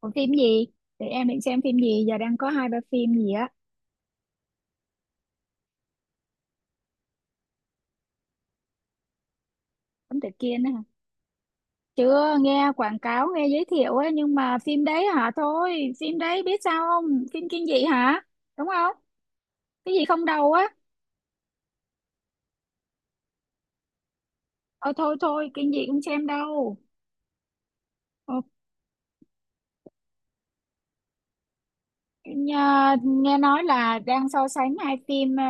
Còn phim gì? Để em định xem phim gì, giờ đang có hai ba phim gì á. Thám Tử Kiên á hả? Chưa nghe quảng cáo, nghe giới thiệu á, nhưng mà phim đấy hả thôi, phim đấy biết sao không? Phim kinh dị hả? Đúng không? Cái gì không đầu á? Ờ thôi thôi, kinh dị không xem đâu. Ờ, nghe nói là đang so sánh hai phim,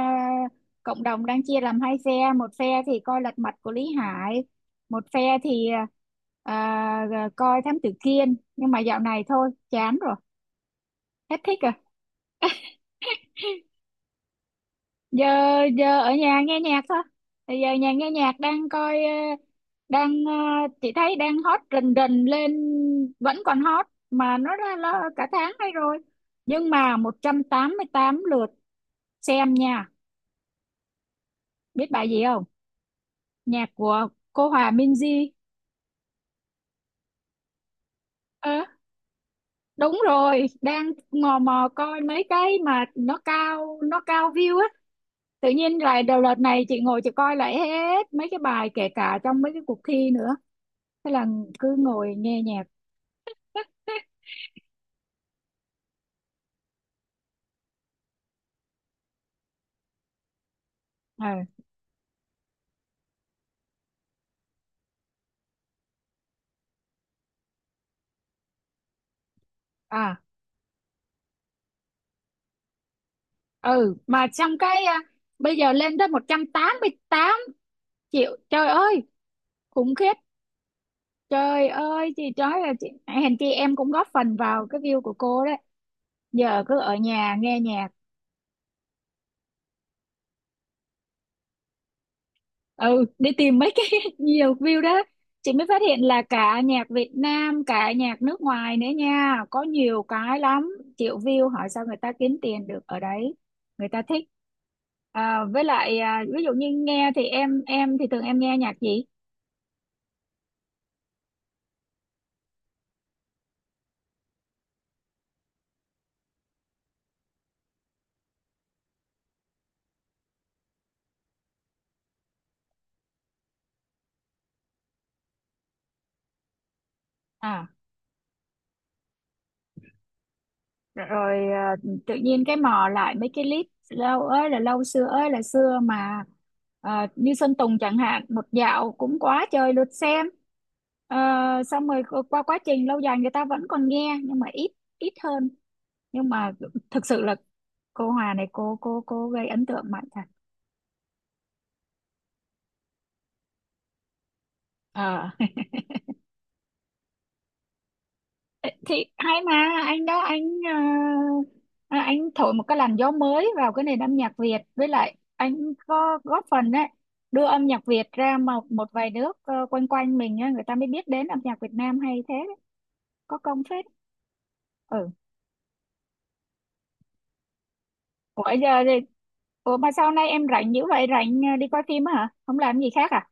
cộng đồng đang chia làm hai phe, một phe thì coi Lật Mặt của Lý Hải, một phe thì ờ, coi Thám Tử Kiên. Nhưng mà dạo này thôi, chán rồi, hết thích rồi. Giờ giờ ở nhà nghe nhạc thôi. Thì giờ nhà nghe nhạc đang coi, đang, chị thấy đang hot rình rình lên, vẫn còn hot mà nó ra là cả tháng nay rồi, nhưng mà 188 lượt xem nha. Biết bài gì không? Nhạc của cô Hòa Minzy. Ờ, đúng rồi, đang mò mò coi mấy cái mà nó cao view á. Tự nhiên lại đầu đợt này chị ngồi chị coi lại hết mấy cái bài kể cả trong mấy cái cuộc thi nữa, thế là cứ ngồi nghe nhạc. Ừ. À. Ừ, mà trong cái, bây giờ lên tới 188 triệu, trời ơi khủng khiếp. Trời ơi chị nói là chị hèn chi em cũng góp phần vào cái view của cô đấy. Giờ cứ ở nhà nghe nhạc. Ừ, đi tìm mấy cái nhiều view đó. Chị mới phát hiện là cả nhạc Việt Nam cả nhạc nước ngoài nữa nha, có nhiều cái lắm, triệu view, hỏi sao người ta kiếm tiền được ở đấy, người ta thích. Với lại, ví dụ như nghe thì em thì thường em nghe nhạc gì. À rồi à, tự nhiên cái mò lại mấy cái clip lâu ơi là lâu xưa ơi là xưa mà. Như Sơn Tùng chẳng hạn, một dạo cũng quá trời lượt xem. Ờ, xong rồi qua quá trình lâu dài người ta vẫn còn nghe nhưng mà ít, ít hơn, nhưng mà thực sự là cô Hòa này cô gây ấn tượng mạnh thật. Ờ, thì hay mà, anh đó anh thổi một cái làn gió mới vào cái nền âm nhạc Việt, với lại anh có góp phần đấy đưa âm nhạc Việt ra một một vài nước, quanh quanh mình á, người ta mới biết đến âm nhạc Việt Nam hay thế đấy. Có công phết. Ừ. Ủa giờ thì, ủa mà sau này em rảnh dữ vậy, rảnh, đi coi phim á hả, không làm gì khác à?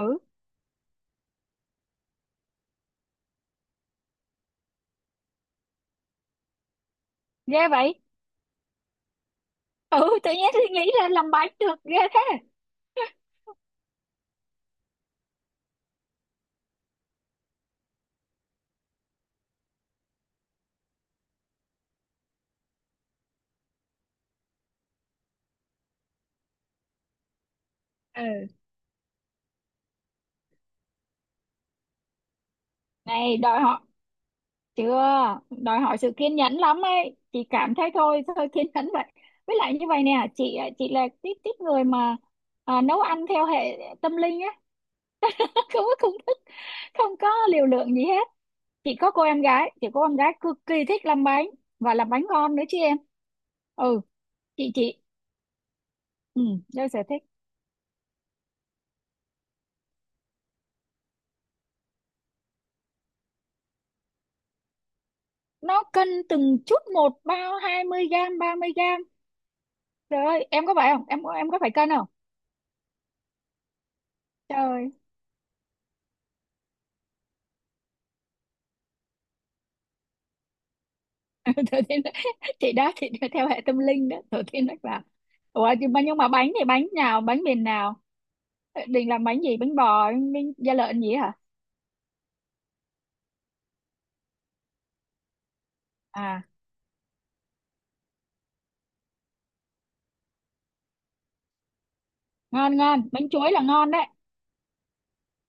Ừ, ghê vậy. Ừ, tự nhiên suy nghĩ là làm bánh được ghê thế. Ừ, này đòi hỏi. Chưa. Đòi hỏi sự kiên nhẫn lắm ấy, chị cảm thấy thôi thôi kiên nhẫn vậy. Với lại như vậy nè chị ạ, chị là tiếp tiếp người mà, nấu ăn theo hệ tâm linh á. Không có công thức, không có liều lượng gì hết. Chị có cô em gái, chị có em gái cực kỳ thích làm bánh và làm bánh ngon nữa chứ em. Ừ. Chị. Ừ, đâu sở thích. Nó cân từng chút một, bao 20 gram, 30 gram, trời ơi. Em có phải không, em có phải cân không? Trời. Thừa Thiên, thì đó thì theo hệ tâm linh đó, Thừa Thiên Đức là. Ủa, nhưng mà bánh thì bánh nào, bánh miền nào? Ờ, định làm bánh gì, bánh bò, bánh da lợn gì hả? À, ngon, ngon bánh chuối là ngon đấy.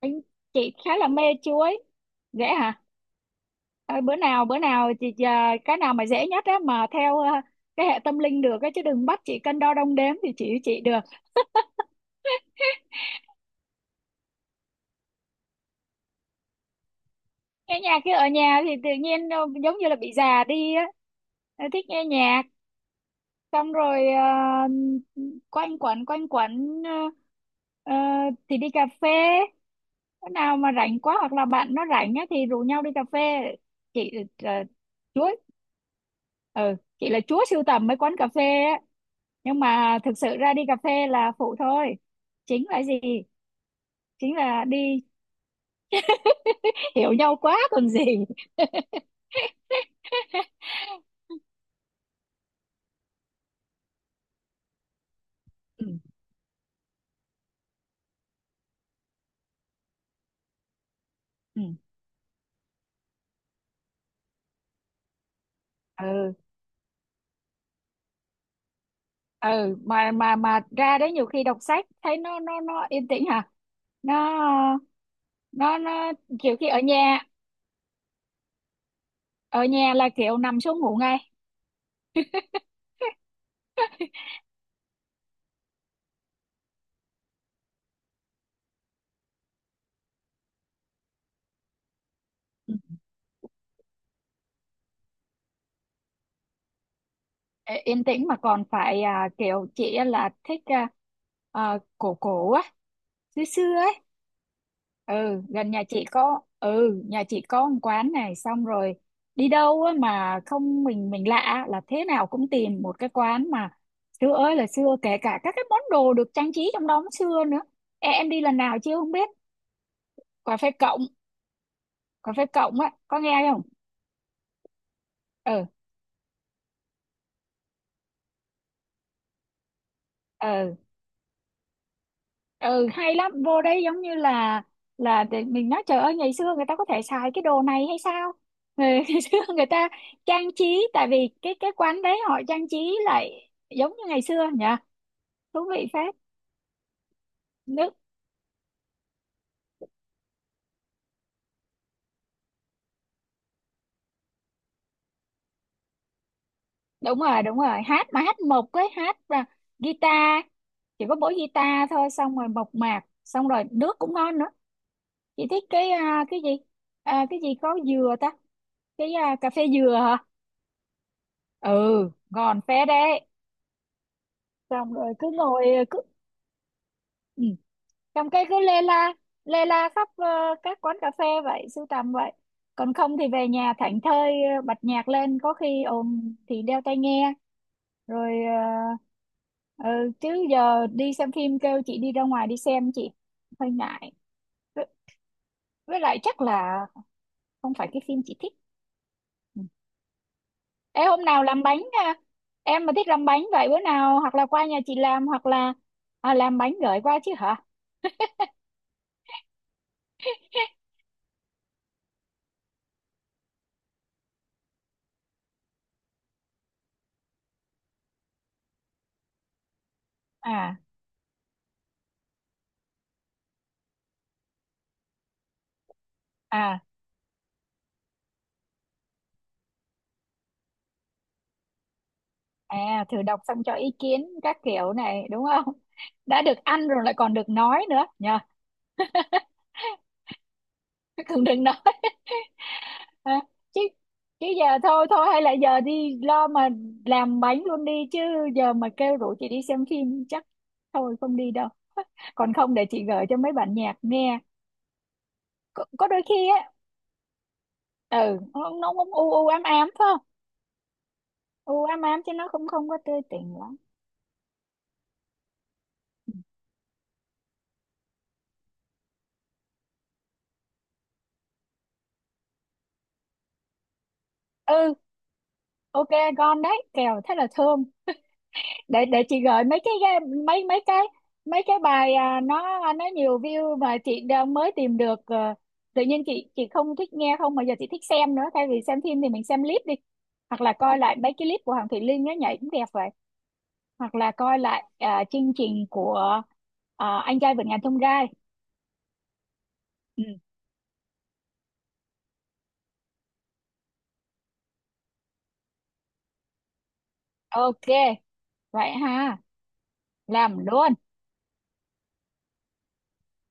bánh chị khá là mê chuối. Dễ hả? Ờ, bữa nào chị, cái nào mà dễ nhất á, mà theo, cái hệ tâm linh được á, chứ đừng bắt chị cân đo đong đếm thì chị được. Nghe nhạc chứ ở nhà thì tự nhiên, giống như là bị già đi á. Ờ, thích nghe nhạc, xong rồi, quanh quẩn quanh quẩn, à, thì đi cà phê. Bữa nào mà rảnh quá hoặc là bạn nó rảnh á thì rủ nhau đi cà phê. Chị là chúa. Ừ, chị là chúa sưu tầm mấy quán cà phê á. Nhưng mà thực sự ra đi cà phê là phụ thôi, chính là gì, chính là đi hiểu nhau quá còn gì. Ừ. Ừ. Ừ. Ừ, mà ra đấy nhiều khi đọc sách thấy nó yên tĩnh hả, nó nó kiểu khi ở nhà, ở nhà là kiểu nằm xuống ngủ ngay. Ê, yên tĩnh mà còn phải, kiểu chị á là thích, cổ cổ á, xưa xưa ấy. Ừ, gần nhà chị có, ừ, nhà chị có một quán này, xong rồi đi đâu á mà không, mình lạ là thế nào cũng tìm một cái quán mà xưa ơi là xưa, kể cả các cái món đồ được trang trí trong đó cũng xưa nữa. Ê, em đi lần nào chưa không biết, cà phê cộng, cà phê cộng á có nghe không? Ừ. Ừ. Ừ, hay lắm vô đấy giống như là để mình nói trời ơi ngày xưa người ta có thể xài cái đồ này hay sao, ngày, ngày xưa người ta trang trí, tại vì cái quán đấy họ trang trí lại giống như ngày xưa nhỉ, thú vị phết. Nước đúng rồi, đúng rồi, hát mà hát mộc ấy, hát và guitar, chỉ có mỗi guitar thôi, xong rồi mộc mạc, xong rồi nước cũng ngon nữa. Chị thích cái, cái gì, cái gì có dừa ta, cái, cà phê dừa hả? Ừ, ngon phết đấy. Xong rồi cứ ngồi cứ, ừ, trong cái cứ lê la, lê la khắp, các quán cà phê vậy, sưu tầm vậy. Còn không thì về nhà thảnh thơi, bật nhạc lên, có khi ồn thì đeo tai nghe rồi, ờ, ừ, chứ giờ đi xem phim kêu chị đi ra ngoài đi xem, chị hơi ngại với, với lại chắc là không phải cái phim chị thích. Ừ. Ê, hôm nào làm bánh à? Em mà thích làm bánh vậy bữa nào hoặc là qua nhà chị làm, hoặc là, làm bánh gửi qua chứ hả? À à à, thử đọc xong cho ý kiến các kiểu này đúng không? Đã được ăn rồi lại còn được nói nữa nhờ. Còn đừng nói. à, Chứ, giờ thôi thôi hay là giờ đi lo mà làm bánh luôn đi chứ. Giờ mà kêu rủ chị đi xem phim chắc thôi không đi đâu. Còn không để chị gửi cho mấy bạn nhạc nghe. Có đôi khi á. Ừ, nó cũng u u ám ám phải không, u ám ám chứ nó cũng không có tươi tỉnh lắm. Ừ. Ok. Con đấy kèo thế là thơm. Để chị gửi mấy cái ga- mấy mấy cái bài, nó nhiều view mà chị đã mới tìm được, tự nhiên chị không thích nghe không mà giờ chị thích xem nữa, thay vì xem phim thì mình xem clip đi, hoặc là coi lại mấy cái clip của Hoàng Thùy Linh nó nhảy cũng đẹp vậy, hoặc là coi lại, chương trình của, anh trai vượt ngàn chông gai. Ừ. Ok, vậy ha, làm luôn.